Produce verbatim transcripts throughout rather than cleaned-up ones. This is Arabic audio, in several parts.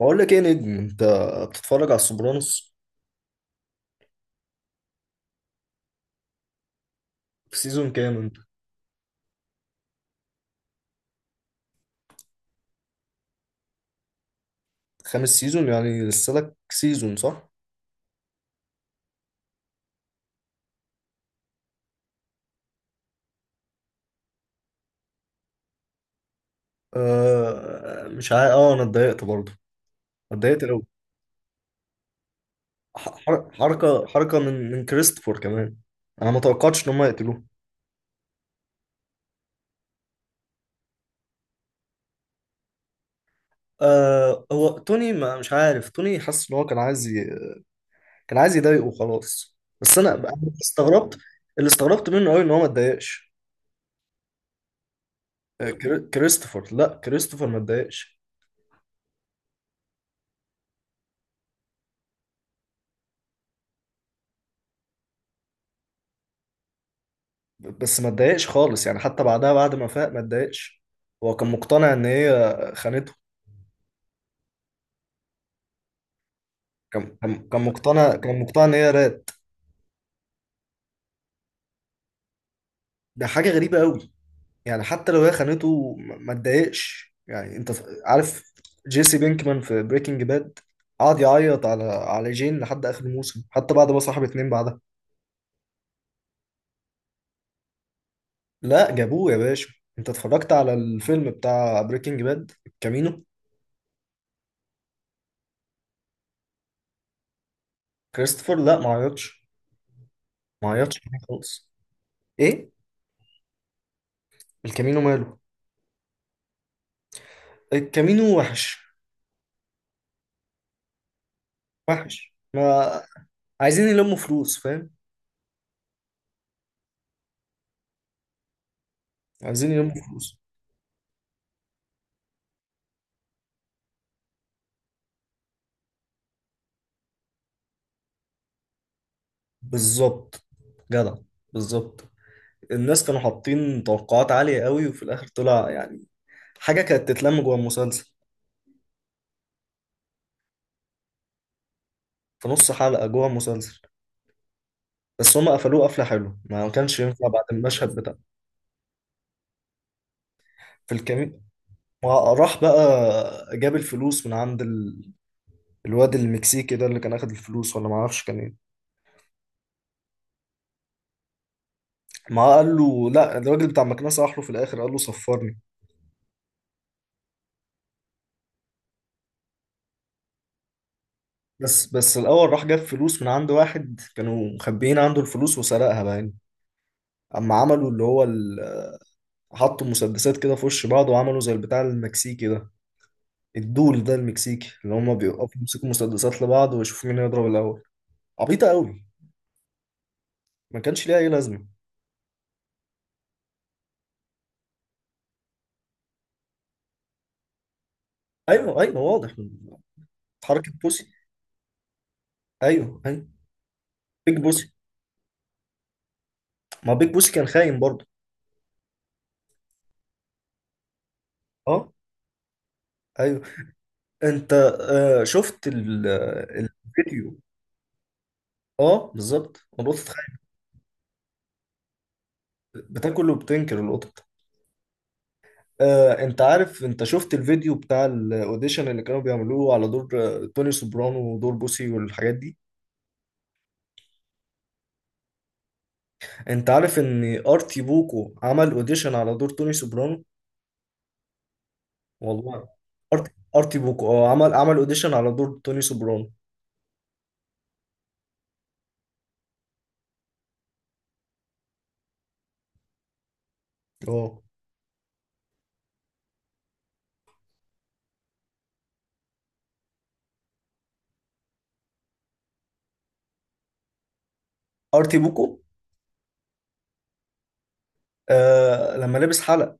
بقول لك ايه يا نجم، انت بتتفرج على السوبرانوس؟ في سيزون كام انت؟ خامس سيزون، يعني لسه لك سيزون صح؟ آه مش عارف، اه انا اتضايقت برضه. اتضايقت قوي. حركه حركه من من كريستوفر كمان. انا ما توقعتش ان هم يقتلوه. آه، هو توني ما مش عارف. توني حاسس ان هو كان عايز ي... كان عايز يضايقه خلاص. بس انا أنا استغربت. اللي استغربت منه قوي ان هو ما اتضايقش. آه، كري- كريستوفر. لا كريستوفر ما اتضايقش. بس ما اتضايقش خالص يعني، حتى بعدها بعد ما فاق ما اتضايقش. هو كان مقتنع ان هي خانته. كان كان كان مقتنع كان مقتنع ان هي رات. ده حاجه غريبه قوي. يعني حتى لو هي خانته ما ما اتضايقش، يعني انت ف- عارف. جيسي بينكمان في بريكنج باد قعد يعيط على على جين لحد اخر الموسم، حتى بعد ما صاحب اتنين بعدها. لا جابوه يا باشا، انت اتفرجت على الفيلم بتاع بريكنج باد الكامينو؟ كريستوفر لا، ما عيطش. ما عيطش خالص. ايه، الكامينو ماله؟ الكامينو وحش. وحش، ما... عايزين يلموا فلوس فاهم؟ عايزين يلموا فلوس. بالظبط. جدع. بالظبط. الناس كانوا حاطين توقعات عالية قوي، وفي الآخر طلع يعني حاجة كانت تتلم جوه المسلسل. في نص حلقة جوه المسلسل. بس هما قفلوه قفلة حلوة. ما كانش ينفع بعد المشهد بتاع في الكمين. راح بقى جاب الفلوس من عند ال... الواد المكسيكي ده، اللي كان اخد الفلوس ولا ما اعرفش كان ايه. ما قال له، لا، الراجل بتاع المكنسة راح له في الآخر قال له صفرني. بس بس الأول راح جاب فلوس من عند واحد كانوا مخبيين عنده الفلوس، وسرقها بقى يعني. أما عملوا اللي هو ال... حطوا مسدسات كده في وش بعض وعملوا زي البتاع المكسيكي ده. الدول ده المكسيكي اللي هما بيوقفوا يمسكوا مسدسات لبعض ويشوفوا مين هيضرب الأول. عبيطة قوي، ما كانش ليها أي لازمة. أيوه، أيوه، واضح من حركة بوسي. أيوه، أيوه. بيج بوسي. ما بيج بوسي كان خاين برضه. أه. أيوه. أنت... آه، شفت ال... الفيديو. أه، بالظبط، القطط خاينة. بتاكل وبتنكر القطط. آه، انت عارف، انت شفت الفيديو بتاع الاوديشن اللي كانوا بيعملوه على دور آه، توني سوبرانو ودور بوسي والحاجات دي؟ انت عارف ان ارتي بوكو عمل اوديشن على دور توني سوبرانو؟ والله، ارتي ارتي بوكو اه عمل عمل اوديشن على دور توني سوبرانو اه ارتي بوكو. آه لما لبس حلق.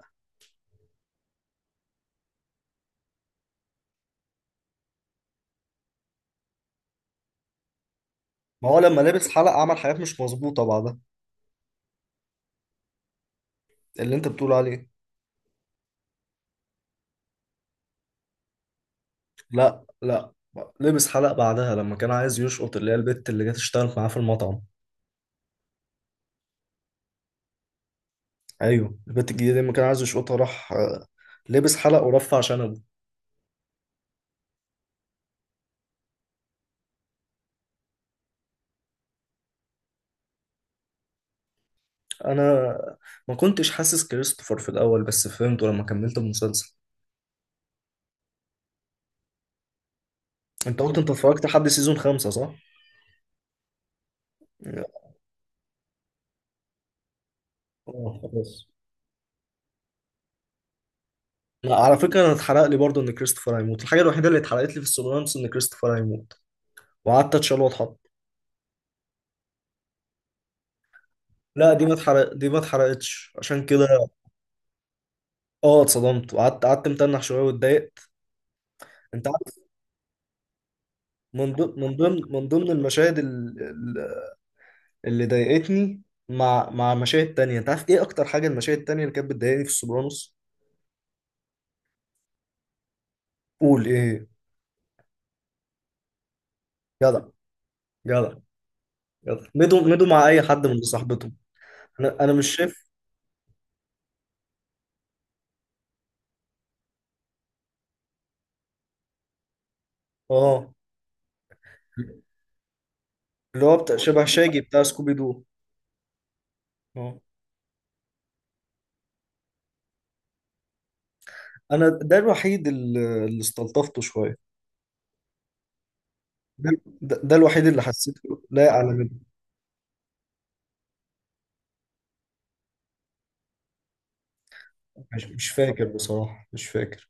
ما هو لما لبس حلق عمل حاجات مش مظبوطة بعدها. اللي انت بتقول عليه. لا، لا، لبس حلق بعدها لما كان عايز يشقط اللي هي البت اللي جت اشتغلت معاه في المطعم. ايوه، البت الجديده دي لما كان عايز يشقطها راح آه، لابس حلق ورفع شنبه. انا ما كنتش حاسس كريستوفر في الاول، بس فهمته لما كملت المسلسل. انت قلت انت اتفرجت لحد سيزون خمسة صح؟ اه، خلاص. لا، على فكره، انا اتحرق لي برضه ان كريستوفر هيموت. الحاجه الوحيده اللي اتحرقت لي في السوبرانوس ان كريستوفر هيموت، وقعدت اتشال واتحط. لا، دي ما اتحرق، دي ما اتحرقتش عشان كده. اه، اتصدمت وقعدت قعدت متنح شويه واتضايقت. انت عارف، من ضمن من ضمن من ضمن المشاهد ال- اللي ضايقتني مع مع مشاهد تانية، انت عارف ايه اكتر حاجه المشاهد التانية اللي كانت بتضايقني في السوبرانوس؟ قول، ايه هي؟ جدع، جدع، جدع. مدوا مدوا مع اي حد من صاحبتهم. انا انا مش شايف. اه، اللي هو بتاع شبه شاجي بتاع سكوبي دو. اه، انا ده الوحيد اللي اللي استلطفته شويه. ده, ده, ده الوحيد اللي حسيته لايق على مدوا. مش, مش فاكر بصراحه، مش فاكر.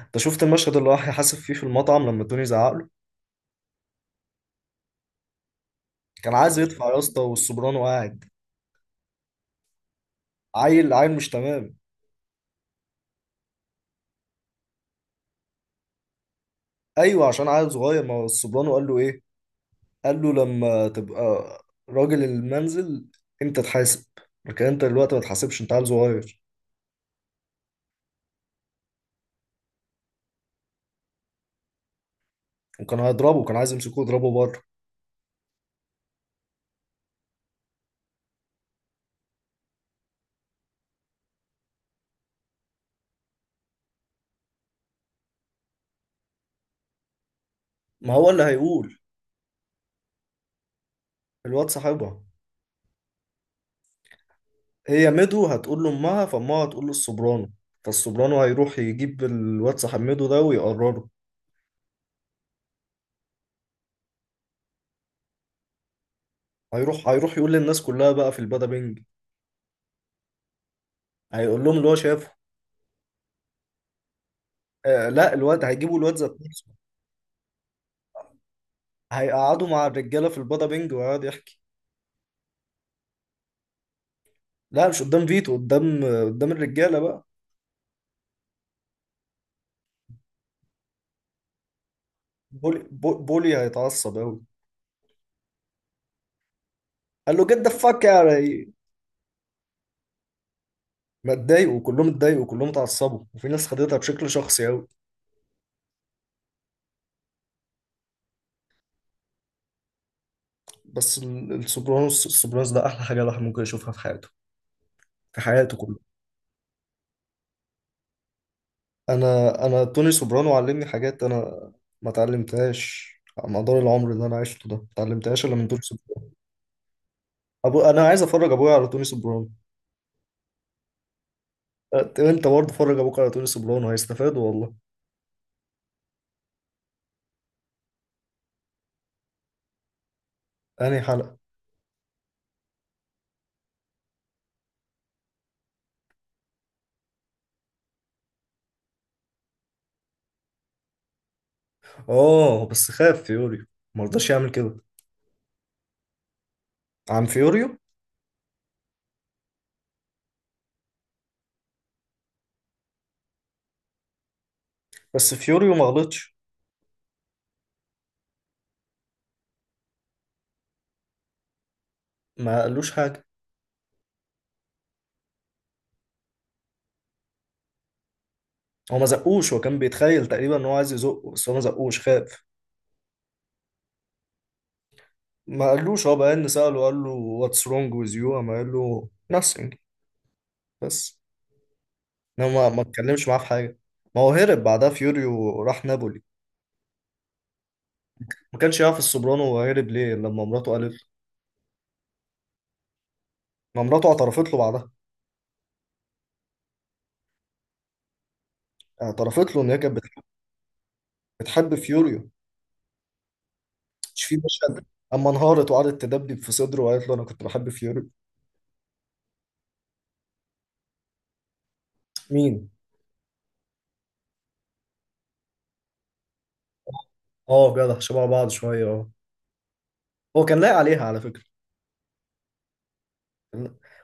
انت شفت المشهد اللي راح يحاسب فيه في المطعم لما توني زعق له؟ كان عايز يدفع يا اسطى والسوبرانو قاعد. عيل عيل مش تمام. ايوه، عشان عيل صغير. ما هو السوبرانو قال له ايه؟ قال له، لما تبقى راجل المنزل انت تحاسب، لكن انت دلوقتي ما تحاسبش، انت عيل صغير. وكان هيضربه، كان عايز يمسكه يضربه بره. ما هو اللي هيقول. الواد صاحبها. هي ميدو هتقول لامها، فامها هتقول للسوبرانو. فالسوبرانو هيروح يجيب الواد صاحب ميدو ده ويقرره. هيروح هيروح يقول للناس كلها بقى في البادا بينج. هيقول لهم اللي هو شافه. آه، لا، الواد هيجيبوا الواد ذات نفسه. هيقعدوا مع الرجاله في البادا بينج ويقعد يحكي. لا مش قدام فيتو، قدام قدام الرجاله بقى. بولي بو- بولي هيتعصب قوي. قال له جد ذا فاك يعني. ما اتضايقوا كلهم؟ اتضايقوا كلهم، اتعصبوا، وفي ناس خدتها بشكل شخصي قوي. بس ال- السوبرانوس السوبرانوس ده احلى حاجه الواحد ممكن يشوفها في حياته. في حياته كله. انا انا توني سوبرانو علمني حاجات، انا ما اتعلمتهاش. على مدار العمر اللي انا عشته ده ما اتعلمتهاش الا من توني سوبرانو. أبو... انا عايز افرج ابويا على توني سوبرانو. أت- انت برضه فرج ابوك على توني سوبرانو هيستفادوا والله. انهي حلقه؟ اه بس خاف فيوريو، ما رضاش يعمل كده. عن فيوريو. بس فيوريو ما غلطش. ما قالوش حاجه. هو ما زقوش، هو كان بيتخيل تقريبا ان هو عايز يزقه، بس هو ما زقوش، خاف. ما قالوش. هو بقى سأله قال له what's wrong with you، قام قال له nothing. بس. انما ما ما اتكلمش معاه في حاجه. ما هو هرب بعدها فيوريو راح نابولي. ما كانش يعرف السوبرانو هو هرب ليه، لما مراته قالت له. ما مراته اعترفت له بعدها. اعترفت له ان هي كانت بتحب. بتحب فيوريو. مش في مشهد؟ اما انهارت وقعدت تدبدب في صدره وقالت له انا كنت بحب فيوري. مين؟ اه، جدع شبه بعض شويه اه هو كان لايق عليها على فكره.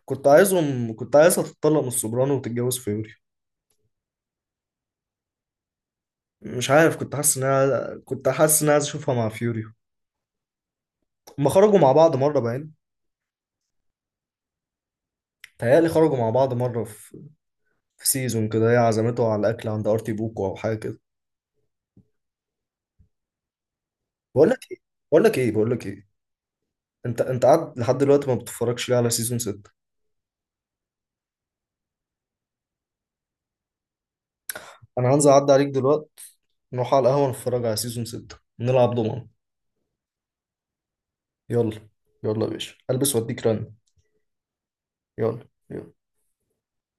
كنت عايزهم كنت عايزها تتطلق من السوبرانو وتتجوز فيوري. مش عارف، كنت حاسس ان انا كنت حاسس ان انا عايز اشوفها مع فيوري. هما خرجوا مع بعض مره باين. تهيألي خرجوا مع بعض مره في, في سيزون كده، هي عزمته على الاكل عند ارتي بوكو او حاجه كده. بقول لك ايه بقول لك ايه بقول لك ايه انت انت قاعد لحد دلوقتي، ما بتتفرجش ليه على سيزون ستة؟ انا هنزل اعدي عليك دلوقتي، نروح على القهوة نتفرج على سيزون ستة نلعب ضمان. يلا، يلا يا باشا، البس واديك رن. يلا، يلا.